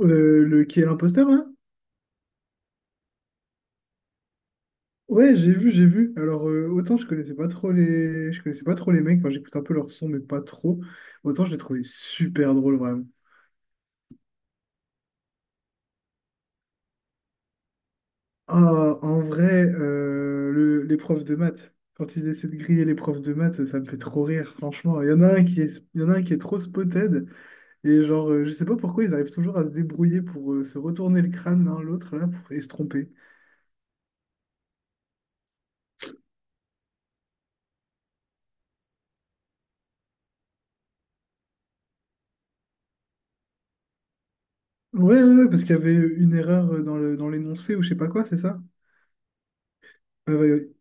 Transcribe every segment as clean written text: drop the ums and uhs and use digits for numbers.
Le Qui est l'imposteur là? Ouais, j'ai vu, j'ai vu. Alors autant je connaissais pas trop les mecs. Enfin, j'écoute un peu leur son, mais pas trop. Autant je les trouvais super drôles vraiment. Ah, en vrai, les profs de maths. Quand ils essaient de griller les profs de maths, ça me fait trop rire, franchement. Il y en a un qui est trop spotted. Et genre, je sais pas pourquoi ils arrivent toujours à se débrouiller pour se retourner le crâne l'un l'autre là et se tromper. Ouais, ouais, ouais, parce qu'il y avait une erreur dans dans l'énoncé ou je sais pas quoi, c'est ça? Euh,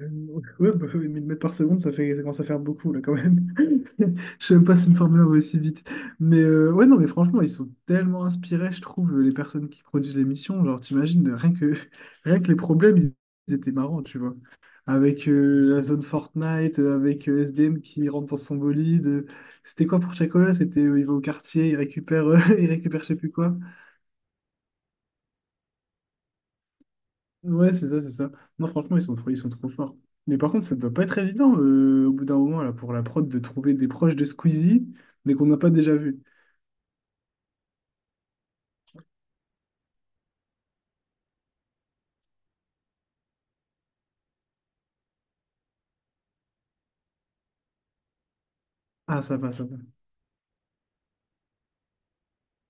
Euh, Ouais, bah, oui, 1000 mètres par seconde, ça commence à faire beaucoup là quand même. Je sais même pas si une Formule 1 va aussi vite. Mais ouais, non, mais franchement, ils sont tellement inspirés, je trouve, les personnes qui produisent l'émission. Genre, t'imagines, rien que les problèmes, ils étaient marrants, tu vois. Avec la zone Fortnite, avec S D M qui rentre dans son bolide. C'était quoi pour Chacola? C'était il va au quartier, il récupère, il récupère je sais plus quoi. Ouais, c'est ça, c'est ça. Non, franchement, ils sont trop forts. Mais par contre, ça doit pas être évident au bout d'un moment là, pour la prod de trouver des proches de Squeezie, mais qu'on n'a pas déjà vu. Ah, ça va, ça va.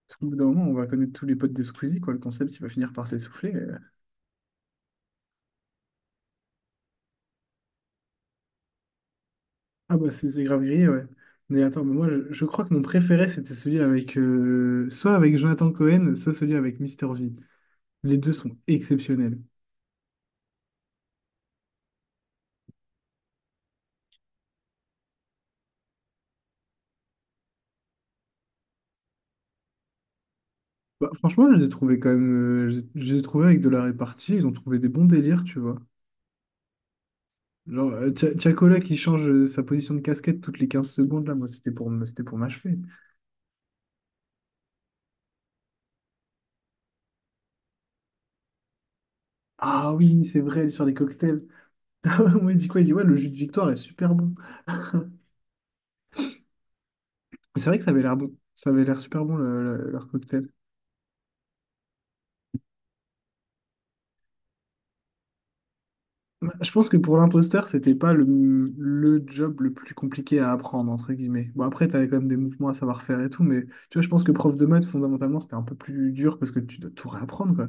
Parce qu'au bout d'un moment, on va connaître tous les potes de Squeezie, quoi. Le concept, il va finir par s'essouffler. Ah, bah, c'est grave grillé, ouais. Mais attends, mais moi, je crois que mon préféré, c'était celui avec. Soit avec Jonathan Cohen, soit celui avec Mister V. Les deux sont exceptionnels. Bah, franchement, je les ai trouvés quand même. Je les ai trouvés avec de la répartie. Ils ont trouvé des bons délires, tu vois. Genre, Tchakola qui change sa position de casquette toutes les 15 secondes, là, moi, c'était c'était pour m'achever. Ah oui, c'est vrai, elle est sur des cocktails. Moi, il dit quoi? Il dit, ouais, le jus de victoire est super bon. Mais c'est vrai que ça avait l'air bon. Ça avait l'air super bon, leur cocktail. Ouais, je pense que pour l'imposteur, c'était pas le job le plus compliqué à apprendre, entre guillemets. Bon, après, t'avais quand même des mouvements à savoir faire et tout, mais tu vois, je pense que prof de maths, fondamentalement, c'était un peu plus dur parce que tu dois tout réapprendre, quoi.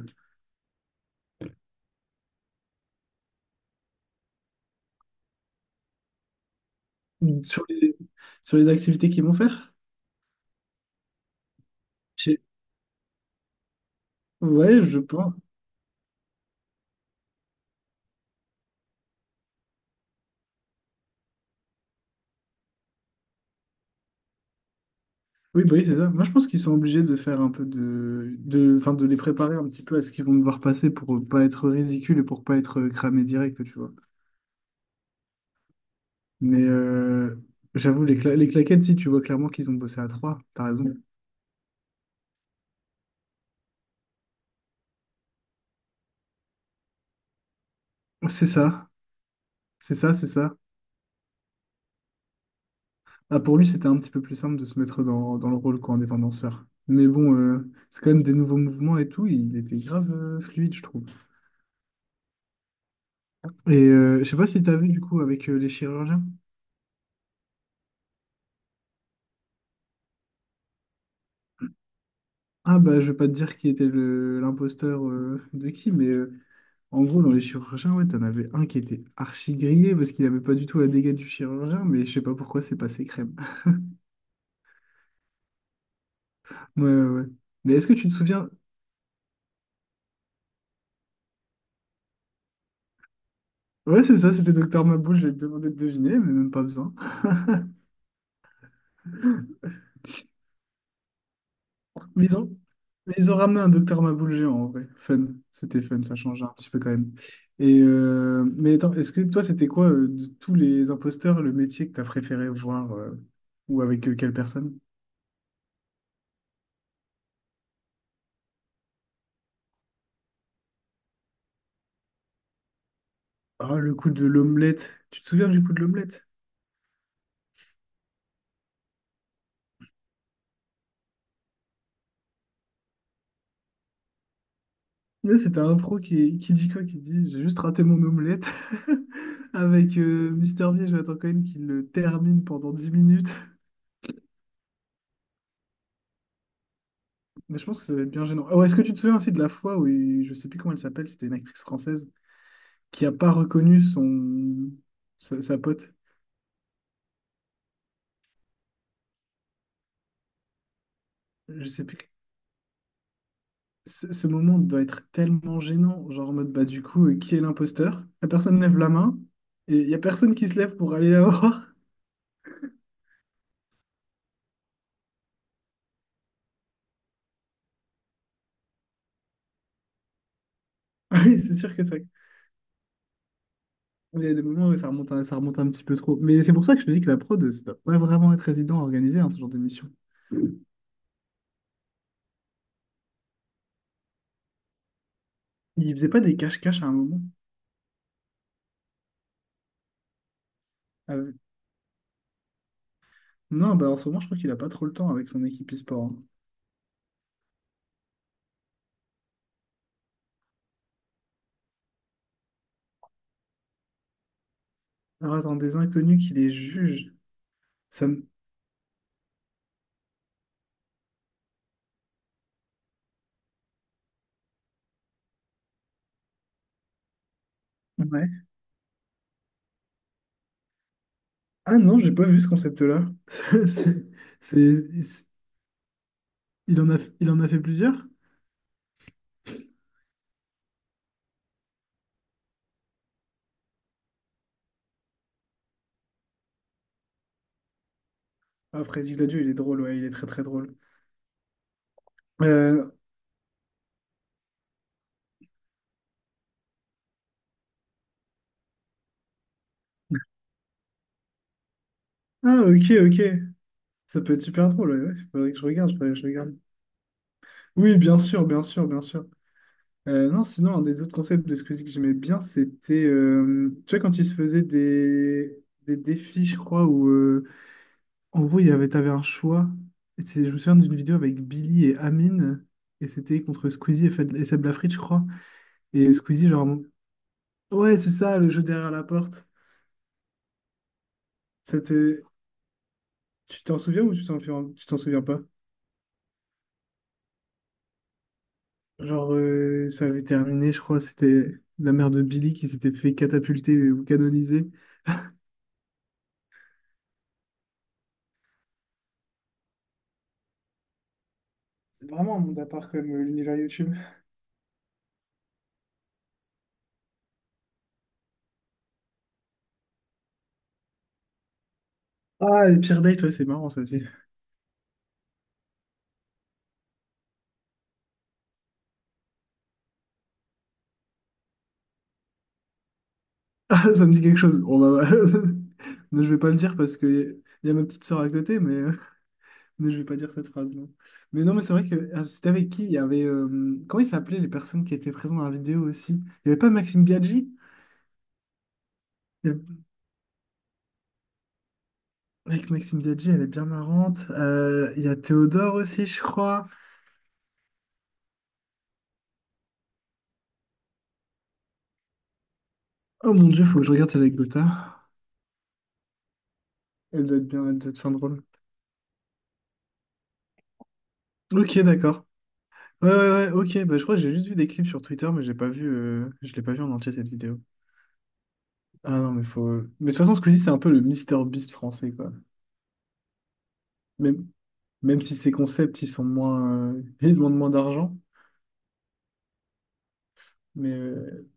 Sur les, sur les activités qu'ils vont faire? Je- Ouais, je peux. Oui, bah oui, c'est ça. Moi, je pense qu'ils sont obligés de faire un peu enfin, de les préparer un petit peu à ce qu'ils vont devoir passer pour pas être ridicule et pour pas être cramé direct, tu vois. Mais j'avoue, les claquettes, si tu vois clairement qu'ils ont bossé à trois, t'as raison. C'est ça, c'est ça, c'est ça. Ah, pour lui, c'était un petit peu plus simple de se mettre dans le rôle quoi, en étant danseur. Mais bon, c'est quand même des nouveaux mouvements et tout. Il était grave fluide, je trouve. Et je sais pas si t'as vu du coup avec les chirurgiens. Ah bah je vais pas te dire qui était le l'imposteur de qui, mais en gros dans les chirurgiens, ouais, t'en avais un qui était archi grillé parce qu'il avait pas du tout la dégâts du chirurgien, mais je sais pas pourquoi c'est passé crème. Ouais, ouais, ouais. Mais est-ce que tu te souviens? Ouais, c'est ça, c'était Docteur Maboul, je vais te demander de deviner, mais même pas besoin. Mais ils ont, mais ils ont ramené un Docteur Maboul géant en vrai. Fun, c'était fun, ça change un petit peu quand même. Et mais attends, est-ce que toi c'était quoi de tous les imposteurs le métier que t'as préféré voir ou avec quelle personne? Ah, le coup de l'omelette. Tu te souviens du coup de l'omelette? Là, c'était un pro qui dit quoi? Qui dit, j'ai juste raté mon omelette avec Mister V et Jonathan Cohen qui le termine pendant 10 minutes. Mais je pense que ça va être bien gênant. Oh, est-ce que tu te souviens aussi de la fois où, je sais plus comment elle s'appelle, c'était une actrice française qui a pas reconnu son sa pote. Je sais plus. Ce moment doit être tellement gênant, genre en mode bah du coup, qui est l'imposteur? La personne lève la main et il y a personne qui se lève pour aller la voir. Ah, oui, c'est sûr que ça. Il y a des moments où ça remonte, ça remonte un petit peu trop. Mais c'est pour ça que je te dis que la prod, ça doit pas vraiment être évident à organiser, hein, ce genre d'émission. Il faisait pas des cache-cache à un moment. avec- Non, bah en ce moment, je crois qu'il a pas trop le temps avec son équipe e-sport, hein. Alors attends, des inconnus qui les jugent. Ça me- Ouais. Ah non, j'ai pas vu ce concept-là. C'est. c'est- c'est- c'est- il en a fait plusieurs? Ah, Freddy Gladio, il est drôle, ouais, il est très très drôle. Euh, Ah, ok, ok. Ça peut être super drôle, ouais, ouais. Faudrait que je regarde, faudrait que je regarde. Oui, bien sûr, bien sûr, bien sûr. Non, sinon, un des autres concepts de Squeezie que j'aimais bien, c'était, tu vois, quand il se faisait des défis, je crois, où, en gros, t'avais un choix. Je me souviens d'une vidéo avec Billy et Amine, et c'était contre Squeezie et Seb Lafrite, je crois. Et Squeezie, genre, ouais, c'est ça, le jeu derrière la porte. Ça te- Tu t'en souviens ou tu t'en souviens pas? Genre, ça avait terminé, je crois, c'était la mère de Billy qui s'était fait catapulter ou canoniser. Vraiment un monde à part comme l'univers YouTube. Ah, les pires dates, ouais, c'est marrant ça aussi. Ah, ça me dit quelque chose. Bon, bah, bah, mais je vais pas le dire parce que y a ma petite sœur à côté, mais, mais je vais pas dire cette phrase, non. Mais non, mais c'est vrai que ah, c'était avec qui? Il y avait. Comment ils s'appelaient les personnes qui étaient présentes dans la vidéo aussi? Il y avait pas Maxime Biaggi? Il y avait- Avec Maxime Biaggi, elle est bien marrante. Il y a Théodore aussi, je crois. Oh mon Dieu, faut que je regarde celle avec anecdote. Elle doit être bien, elle doit être fin drôle. Ok, d'accord. Ouais, ouais, ouais, ok. Bah, je crois que j'ai juste vu des clips sur Twitter, mais j'ai pas vu, je l'ai pas vu en entier cette vidéo. Ah non, mais faut. Mais de toute façon, Squeezie, c'est un peu le Mister Beast français, quoi. Même, même si ses concepts, ils sont moins. Ils demandent moins d'argent. Mais. euh,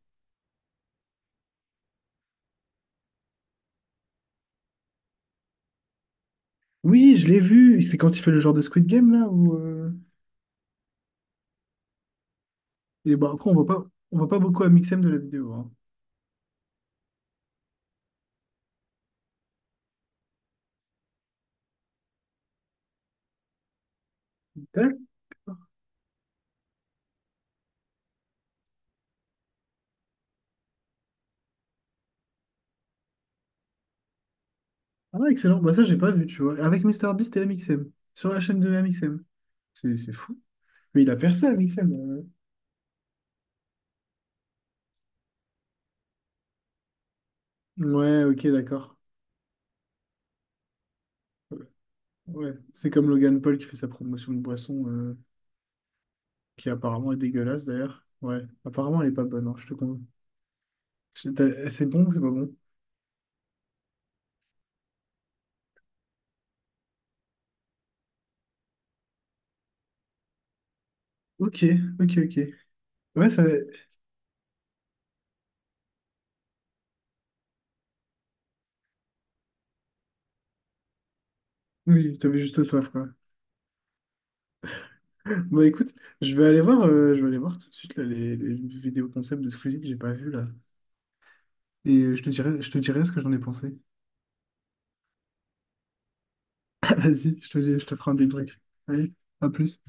Oui, je l'ai vu. C'est quand il fait le genre de Squid Game, là, où. Et bah, après, on voit pas beaucoup MXM de la vidéo, hein. D'accord. Ah, excellent. Bah, ça, j'ai pas vu, tu vois. Avec Mister Beast et MXM. Sur la chaîne de MXM. C'est fou. Mais il a percé, MXM. Ouais, ok, d'accord. Ouais. C'est comme Logan Paul qui fait sa promotion de boisson, qui apparemment est dégueulasse d'ailleurs. Ouais, apparemment elle est pas bonne, hein, je te convainc. C'est bon ou c'est pas bon? Ok, ok, ok. Ouais, ça. Oui, t'avais juste soif, quoi. Bon, écoute, je vais aller voir tout de suite là, les vidéos concept de Squeezie que j'ai pas vu là. Et je te dirai ce que j'en ai pensé. Vas-y, je te ferai un débrief. Allez, à plus.